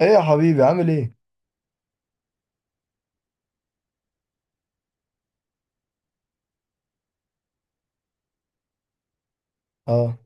ايه يا حبيبي عامل ايه؟ اه،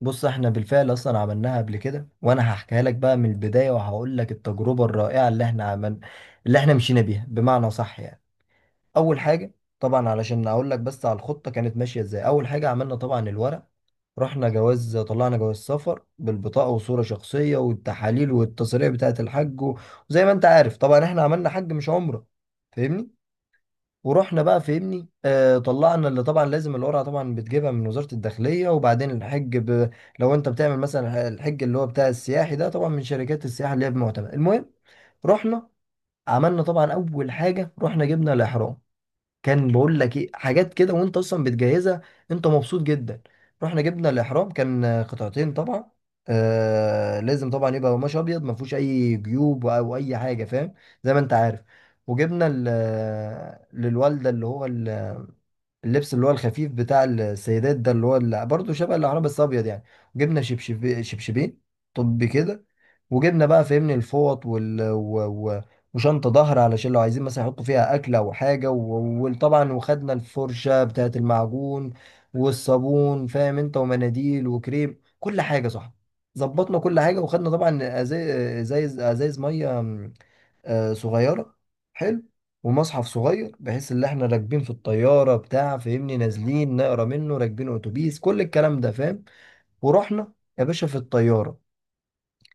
بص احنا بالفعل اصلا عملناها قبل كده، وانا هحكيها لك بقى من البدايه وهقول لك التجربه الرائعه اللي احنا عمل اللي احنا مشينا بيها بمعنى صح يعني. اول حاجه طبعا، علشان اقول لك بس على الخطه كانت ماشيه ازاي، اول حاجه عملنا طبعا الورق. رحنا جواز، طلعنا جواز سفر بالبطاقه وصوره شخصيه والتحاليل والتصاريح بتاعه الحج وزي ما انت عارف طبعا احنا عملنا حج مش عمره، فاهمني؟ ورحنا بقى فهمني طلعنا اللي طبعا لازم القرعه، طبعا بتجيبها من وزاره الداخليه. وبعدين الحج لو انت بتعمل مثلا الحج اللي هو بتاع السياحي ده طبعا من شركات السياحه اللي هي بمعتمد. المهم، رحنا عملنا طبعا اول حاجه، رحنا جبنا الاحرام. كان بقول لك ايه حاجات كده وانت اصلا بتجهزها، انت مبسوط جدا. رحنا جبنا الاحرام كان قطعتين طبعا. آه، لازم طبعا يبقى قماش ابيض ما فيهوش اي جيوب او اي حاجه، فاهم؟ زي ما انت عارف. وجبنا للوالده اللي هو اللبس اللي هو الخفيف بتاع السيدات ده، اللي هو اللي برضه شبه العرب بس ابيض يعني. وجبنا شبشب، شبشبين. طب كده، وجبنا بقى فهمني الفوط و... وشنطة ظهر علشان لو عايزين مثلا يحطوا فيها أكل أو حاجة، وطبعا وخدنا الفرشة بتاعة المعجون والصابون، فاهم أنت، ومناديل وكريم، كل حاجة صح. ظبطنا كل حاجة، وخدنا طبعا أزايز مية صغيرة. حلو. ومصحف صغير بحيث ان احنا راكبين في الطيارة بتاع فاهمني، نازلين نقرا منه، راكبين اتوبيس، كل الكلام ده فاهم. ورحنا يا باشا في الطيارة.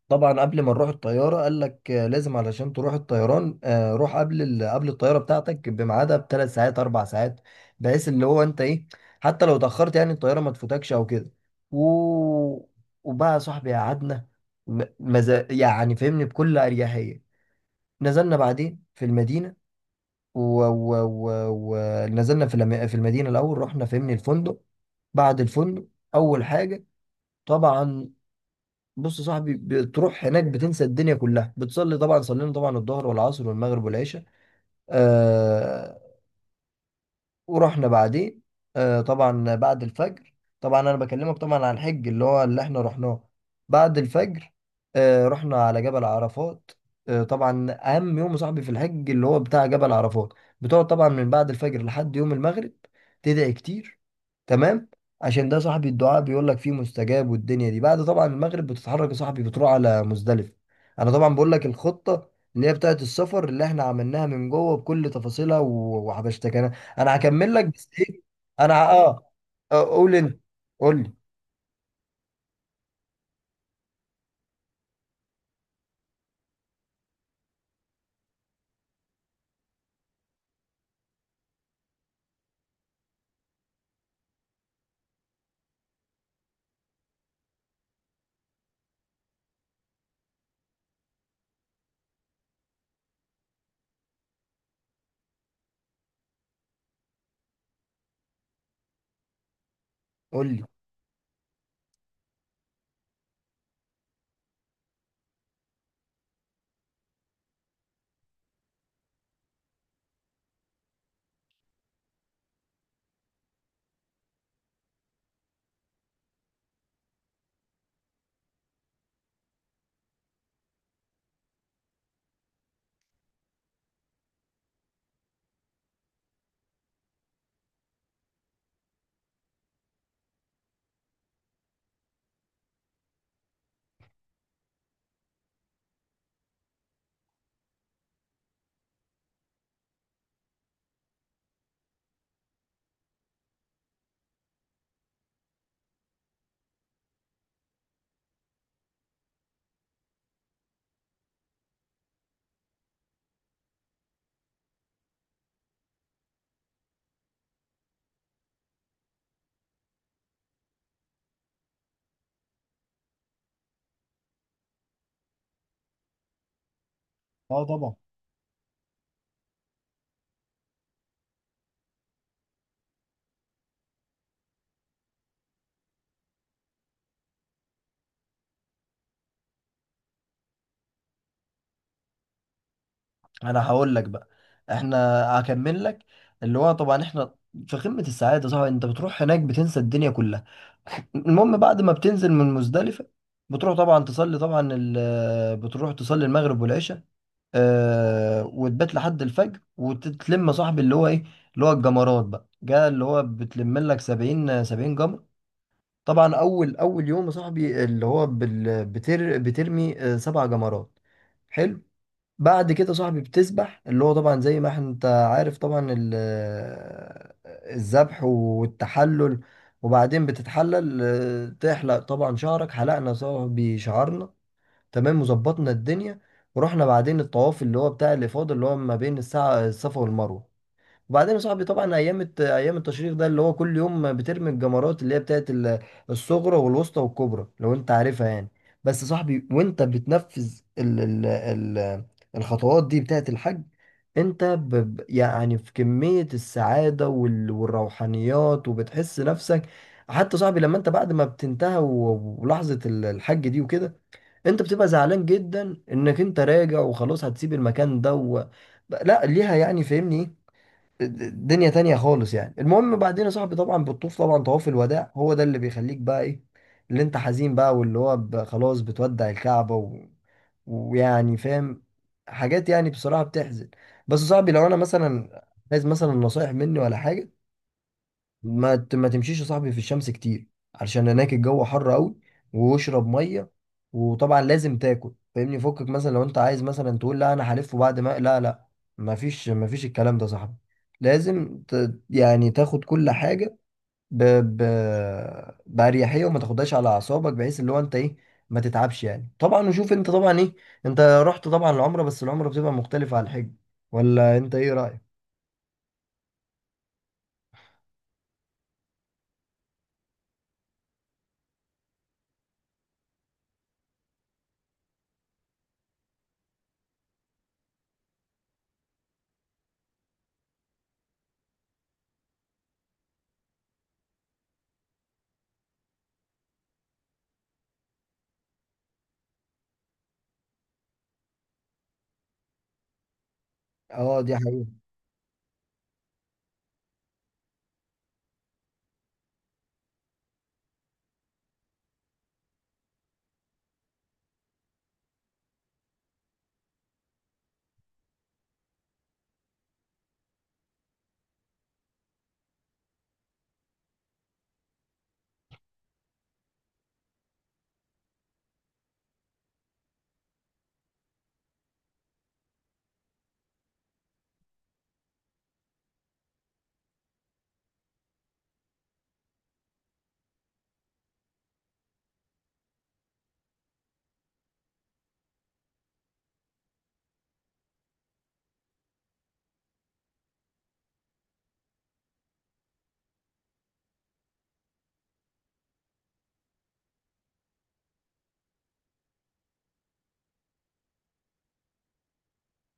طبعا قبل ما نروح الطيارة قال لك لازم علشان تروح الطيران روح قبل الطيارة بتاعتك بميعادها بثلاث ساعات، اربع ساعات، بحيث اللي هو انت ايه، حتى لو اتأخرت يعني الطيارة ما تفوتكش او كده. و... وبقى يا صاحبي قعدنا يعني فاهمني بكل اريحية. نزلنا بعدين في المدينة، ونزلنا في في المدينه الاول. رحنا فهمني الفندق. بعد الفندق اول حاجه طبعا، بص يا صاحبي، بتروح هناك بتنسى الدنيا كلها، بتصلي طبعا، صلينا طبعا الظهر والعصر والمغرب والعشاء. آه. ورحنا بعديه طبعا بعد الفجر. طبعا انا بكلمك طبعا عن الحج اللي هو اللي احنا رحناه. بعد الفجر رحنا على جبل عرفات. آه طبعا، اهم يوم يا صاحبي في الحج اللي هو بتاع جبل عرفات. بتقعد طبعا من بعد الفجر لحد يوم المغرب، تدعي كتير، تمام؟ عشان ده صاحبي الدعاء بيقول لك فيه مستجاب. والدنيا دي بعد طبعا المغرب بتتحرك يا صاحبي، بتروح على مزدلفة. انا طبعا بقول لك الخطة اللي هي بتاعت السفر اللي احنا عملناها من جوه بكل تفاصيلها، وحبشتك انا. انا هكمل لك بس ايه. انا ه- اه آه، قول انت، قول لي. قول لي. اه طبعا. انا هقول لك بقى، احنا هكمل لك اللي هو طبعا، احنا في قمة السعادة صح، انت بتروح هناك بتنسى الدنيا كلها. المهم، بعد ما بتنزل من مزدلفة بتروح طبعا تصلي طبعا بتروح تصلي المغرب والعشاء آه، وتبات لحد الفجر. وتتلم صاحبي اللي هو ايه، اللي هو الجمرات بقى جاء، اللي هو بتلم لك 70 70 جمر. طبعا اول اول يوم يا صاحبي اللي هو بترمي سبع جمرات. حلو. بعد كده صاحبي بتسبح اللي هو طبعا زي ما انت عارف طبعا الذبح والتحلل. وبعدين بتتحلل تحلق طبعا شعرك، حلقنا صاحبي شعرنا. تمام، وظبطنا الدنيا. ورحنا بعدين الطواف اللي هو بتاع الإفاضة، اللي هو ما بين الساعة الصفا والمروة. وبعدين يا صاحبي طبعا ايام التشريح ده، اللي هو كل يوم بترمي الجمرات اللي هي بتاعت الصغرى والوسطى والكبرى، لو انت عارفها يعني. بس يا صاحبي وانت بتنفذ الخطوات دي بتاعت الحج، انت يعني في كمية السعادة والروحانيات، وبتحس نفسك. حتى صاحبي لما انت بعد ما بتنتهى ولحظة الحج دي وكده، انت بتبقى زعلان جدا انك انت راجع وخلاص هتسيب المكان ده لا ليها يعني فاهمني إيه؟ دنيا تانية خالص يعني. المهم بعدين يا صاحبي طبعا بالطوف، طبعا طواف الوداع هو ده اللي بيخليك بقى ايه، اللي انت حزين بقى، واللي هو خلاص بتودع الكعبة ويعني فاهم، حاجات يعني بصراحة بتحزن. بس يا صاحبي، لو انا مثلا عايز مثلا نصايح مني ولا حاجة، ما تمشيش يا صاحبي في الشمس كتير علشان هناك الجو حر قوي، واشرب ميه. وطبعا لازم تاكل فاهمني، فكك مثلا لو انت عايز مثلا تقول لا انا هلف وبعد ما لا لا، ما فيش، الكلام ده يا صاحبي، لازم يعني تاخد كل حاجه ب... ب... باريحيه وما تاخدهاش على اعصابك، بحيث اللي هو انت ايه، ما تتعبش يعني. طبعا وشوف انت طبعا ايه، انت رحت طبعا العمره، بس العمره بتبقى مختلفه عن الحج، ولا انت ايه رايك؟ اه دي حقيقة.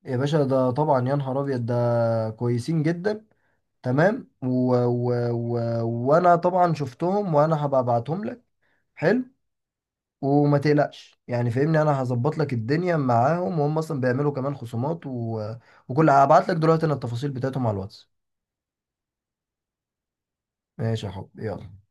يا باشا ده طبعا يا نهار ابيض، ده كويسين جدا، تمام. و... و... وانا طبعا شفتهم، وانا هبقى ابعتهم لك. حلو. وما تقلقش يعني فاهمني، انا هظبط لك الدنيا معاهم، وهم اصلا بيعملوا كمان خصومات و هبعت لك دلوقتي انا التفاصيل بتاعتهم على الواتس. ماشي يا حب، يلا.